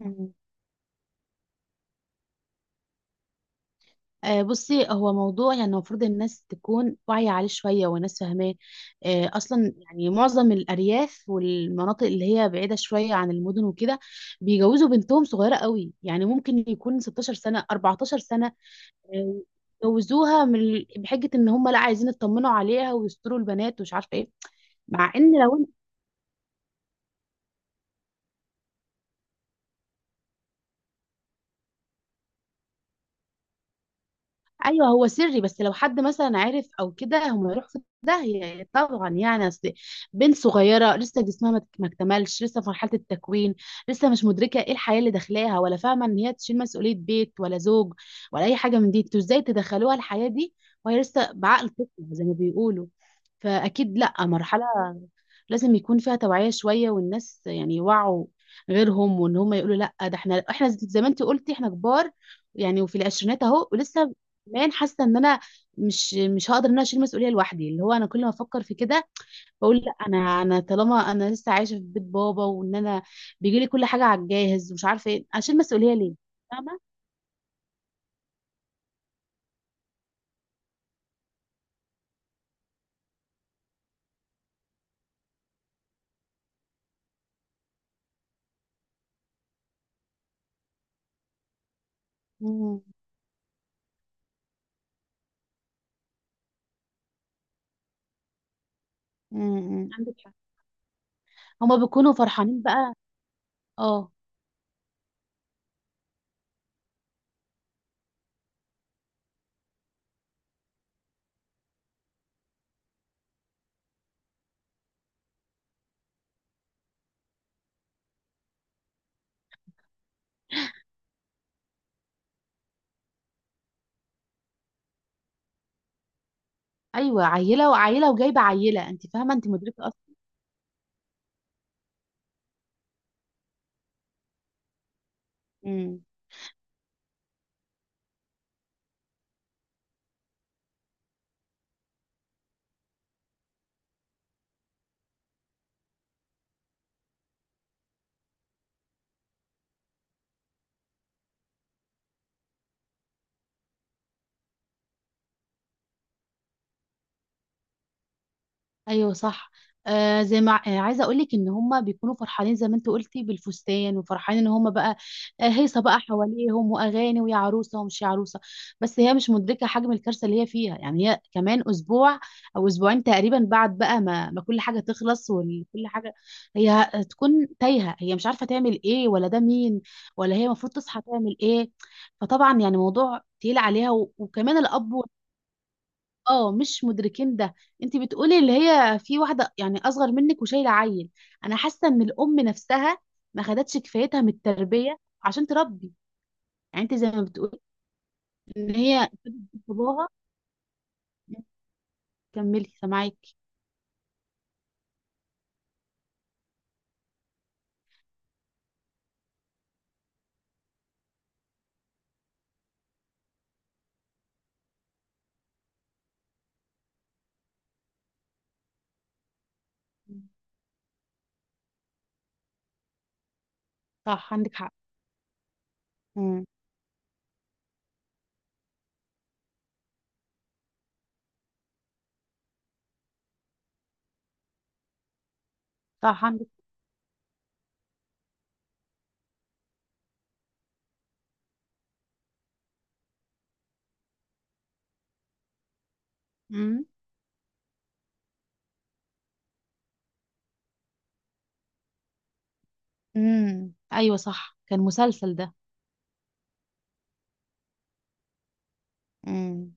مم. آه، بصي هو موضوع، يعني المفروض الناس تكون واعية عليه شوية والناس فاهماه. آه، أصلا يعني معظم الأرياف والمناطق اللي هي بعيدة شوية عن المدن وكده بيجوزوا بنتهم صغيرة قوي، يعني ممكن يكون 16 سنة، 14 سنة. آه، جوزوها من بحجة إن هم لا عايزين يطمنوا عليها ويستروا البنات ومش عارفة إيه. مع إن لو ايوه، هو سري، بس لو حد مثلا عرف او كده هم يروحوا في داهيه طبعا. يعني اصل بنت صغيره لسه جسمها ما اكتملش، لسه في مرحله التكوين. لسه مش مدركه ايه الحياه اللي داخلاها، ولا فاهمه ان هي تشيل مسؤوليه بيت ولا زوج ولا اي حاجه من دي. انتوا ازاي تدخلوها الحياه دي؟ وهي لسه بعقل طفل زي ما بيقولوا. فاكيد لا، مرحله لازم يكون فيها توعيه شويه، والناس يعني يوعوا غيرهم، وان هم يقولوا لا. ده احنا زي ما انت قلتي احنا كبار يعني، وفي العشرينات اهو. ولسه كمان حاسه ان انا مش هقدر ان انا اشيل مسؤوليه لوحدي. اللي هو انا كل ما افكر في كده بقول لا، انا طالما انا لسه عايشه في بيت بابا، وان انا بيجي لي كل حاجه على الجاهز ومش عارفه ايه، اشيل مسؤوليه ليه؟ فاهمه. مم. مم. عندك حق. هما بيكونوا فرحانين بقى. اه، ايوه عيله وعيله وجايبه عيله، انت فاهمه، انت مدركه اصلا. مم. ايوه صح. آه زي ما آه عايزه اقول لك ان هم بيكونوا فرحانين زي ما انت قلتي، بالفستان، وفرحانين ان هم بقى آه هيصه بقى حواليهم واغاني ويا عروسه ومش يا عروسه. بس هي مش مدركه حجم الكارثه اللي هي فيها. يعني هي كمان اسبوع او اسبوعين تقريبا بعد بقى ما كل حاجه تخلص وكل حاجه، هي هتكون تايهه، هي مش عارفه تعمل ايه ولا ده مين ولا هي المفروض تصحى تعمل ايه. فطبعا يعني موضوع تقيل عليها، وكمان الاب اه مش مدركين ده. انت بتقولي اللي هي في واحده يعني اصغر منك وشايله عيل. انا حاسه ان الام نفسها ما خدتش كفايتها من التربيه عشان تربي. يعني انت زي ما بتقولي ان هي باباها. كملي سامعاكي. صح عندك حق. امم. صح عندك. امم. ايوه صح كان مسلسل ده. امم.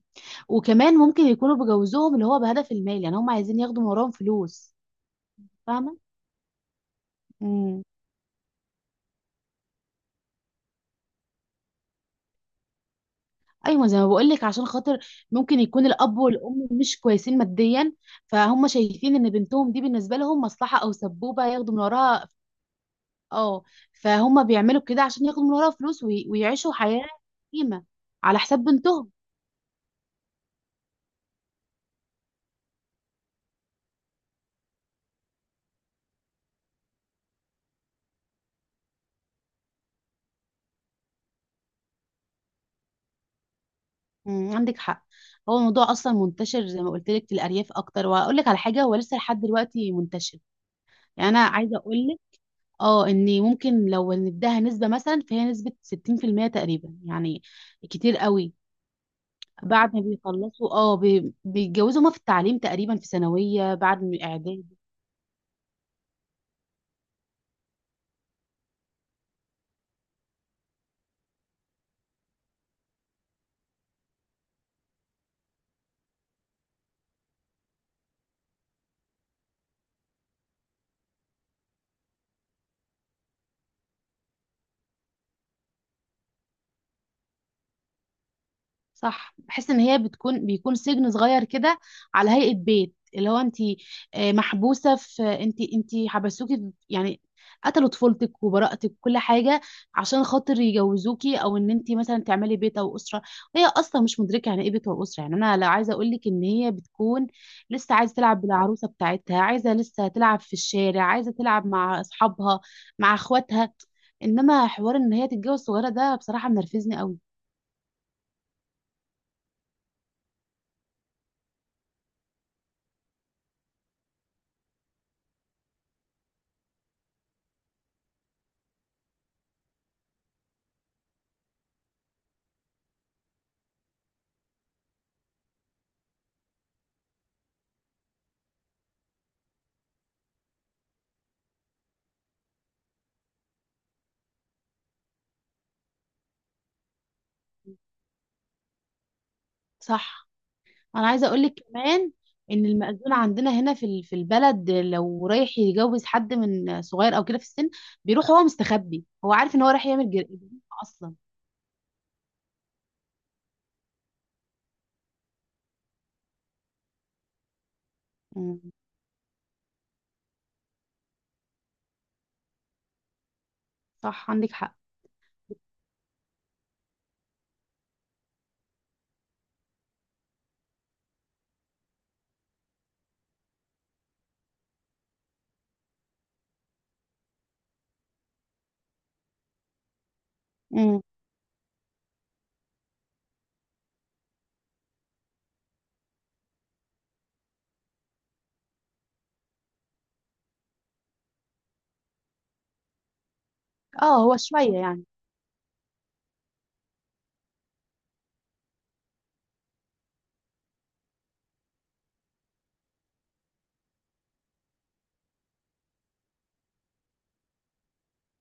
وكمان ممكن يكونوا بجوزهم اللي هو بهدف المال، يعني هم عايزين ياخدوا من وراهم فلوس. فاهمه. مم. ايوه زي ما بقول لك عشان خاطر ممكن يكون الاب والام مش كويسين ماديا، فهم شايفين ان بنتهم دي بالنسبه لهم مصلحه او سبوبه ياخدوا من وراها. اه. فهم بيعملوا كده عشان ياخدوا من وراها فلوس، ويعيشوا حياه قيمه على حساب بنتهم. أمم، عندك حق. هو الموضوع اصلا منتشر زي ما قلت لك في الارياف اكتر، وهقول لك على حاجه، هو لسه لحد دلوقتي منتشر. يعني انا عايزه اقول لك اه ان ممكن لو نديها نسبه مثلا، فهي نسبه 60% تقريبا يعني، كتير قوي. بعد ما بيخلصوا اه بيتجوزوا هما في التعليم، تقريبا في ثانوية بعد من اعدادي. صح، بحس ان هي بتكون بيكون سجن صغير كده على هيئة بيت. اللي هو انت آه، محبوسة في انت حبسوكي يعني قتلوا طفولتك وبراءتك وكل حاجة عشان خاطر يجوزوكي، او ان انت مثلا تعملي بيت او اسرة. وهي اصلا مش مدركة يعني ايه بيت واسرة. يعني انا لا عايزة اقول لك ان هي بتكون لسه عايزة تلعب بالعروسة بتاعتها، عايزة لسه تلعب في الشارع، عايزة تلعب مع اصحابها مع اخواتها. انما حوار ان هي تتجوز صغيرة ده بصراحة منرفزني قوي. صح. انا عايزه اقول لك كمان ان المأذون عندنا هنا في البلد لو رايح يتجوز حد من صغير او كده في السن، بيروح هو مستخبي، هو عارف ان هو رايح يعمل جريمه اصلا. مم. صح عندك حق. مم. اه هو شويه يعني.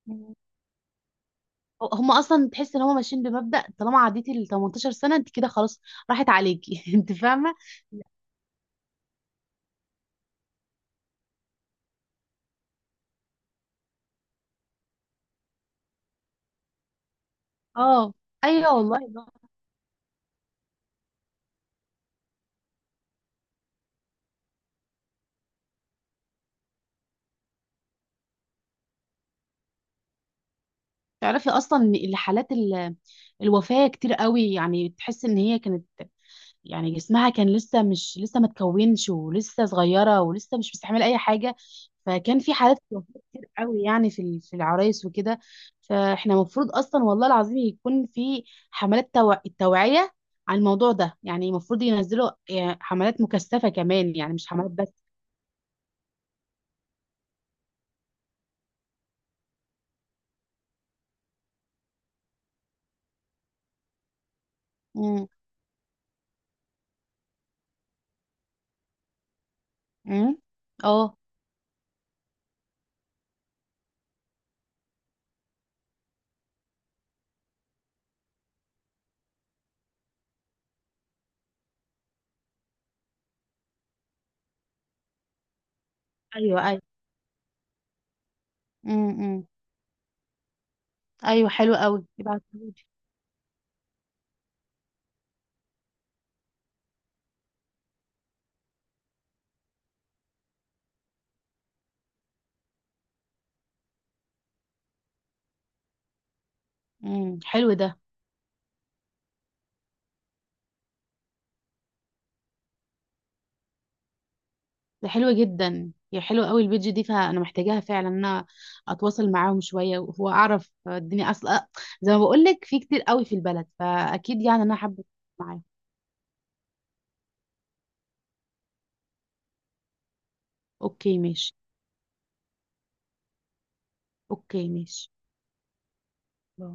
مم. هم اصلا تحس ان هم ماشيين بمبدأ طالما عديتي ال 18 سنه انت كده خلاص، راحت عليكي انت فاهمه. اه ايوه والله ده. تعرفي اصلا ان الوفاه كتير قوي، يعني تحس ان هي كانت، يعني جسمها كان لسه مش لسه ما اتكونش، ولسه صغيره، ولسه مش مستحمله اي حاجه. فكان في حالات وفاة كتير قوي يعني في العرايس وكده. فاحنا المفروض اصلا والله العظيم يكون في حملات التوعيه على الموضوع ده. يعني المفروض ينزلوا يعني حملات مكثفه كمان، يعني مش حملات بس. امم. امم اه ايوه ايوه. امم ايوه حلو قوي يبعتهولي. حلو ده. ده حلوة جدا، يا حلوة قوي البيج دي، فانا محتاجاها فعلا ان انا اتواصل معاهم شوية واعرف الدنيا اصلا. زي ما بقول لك في كتير قوي في البلد، فاكيد يعني انا حابة أتواصل معاهم. اوكي ماشي. اوكي ماشي. باي.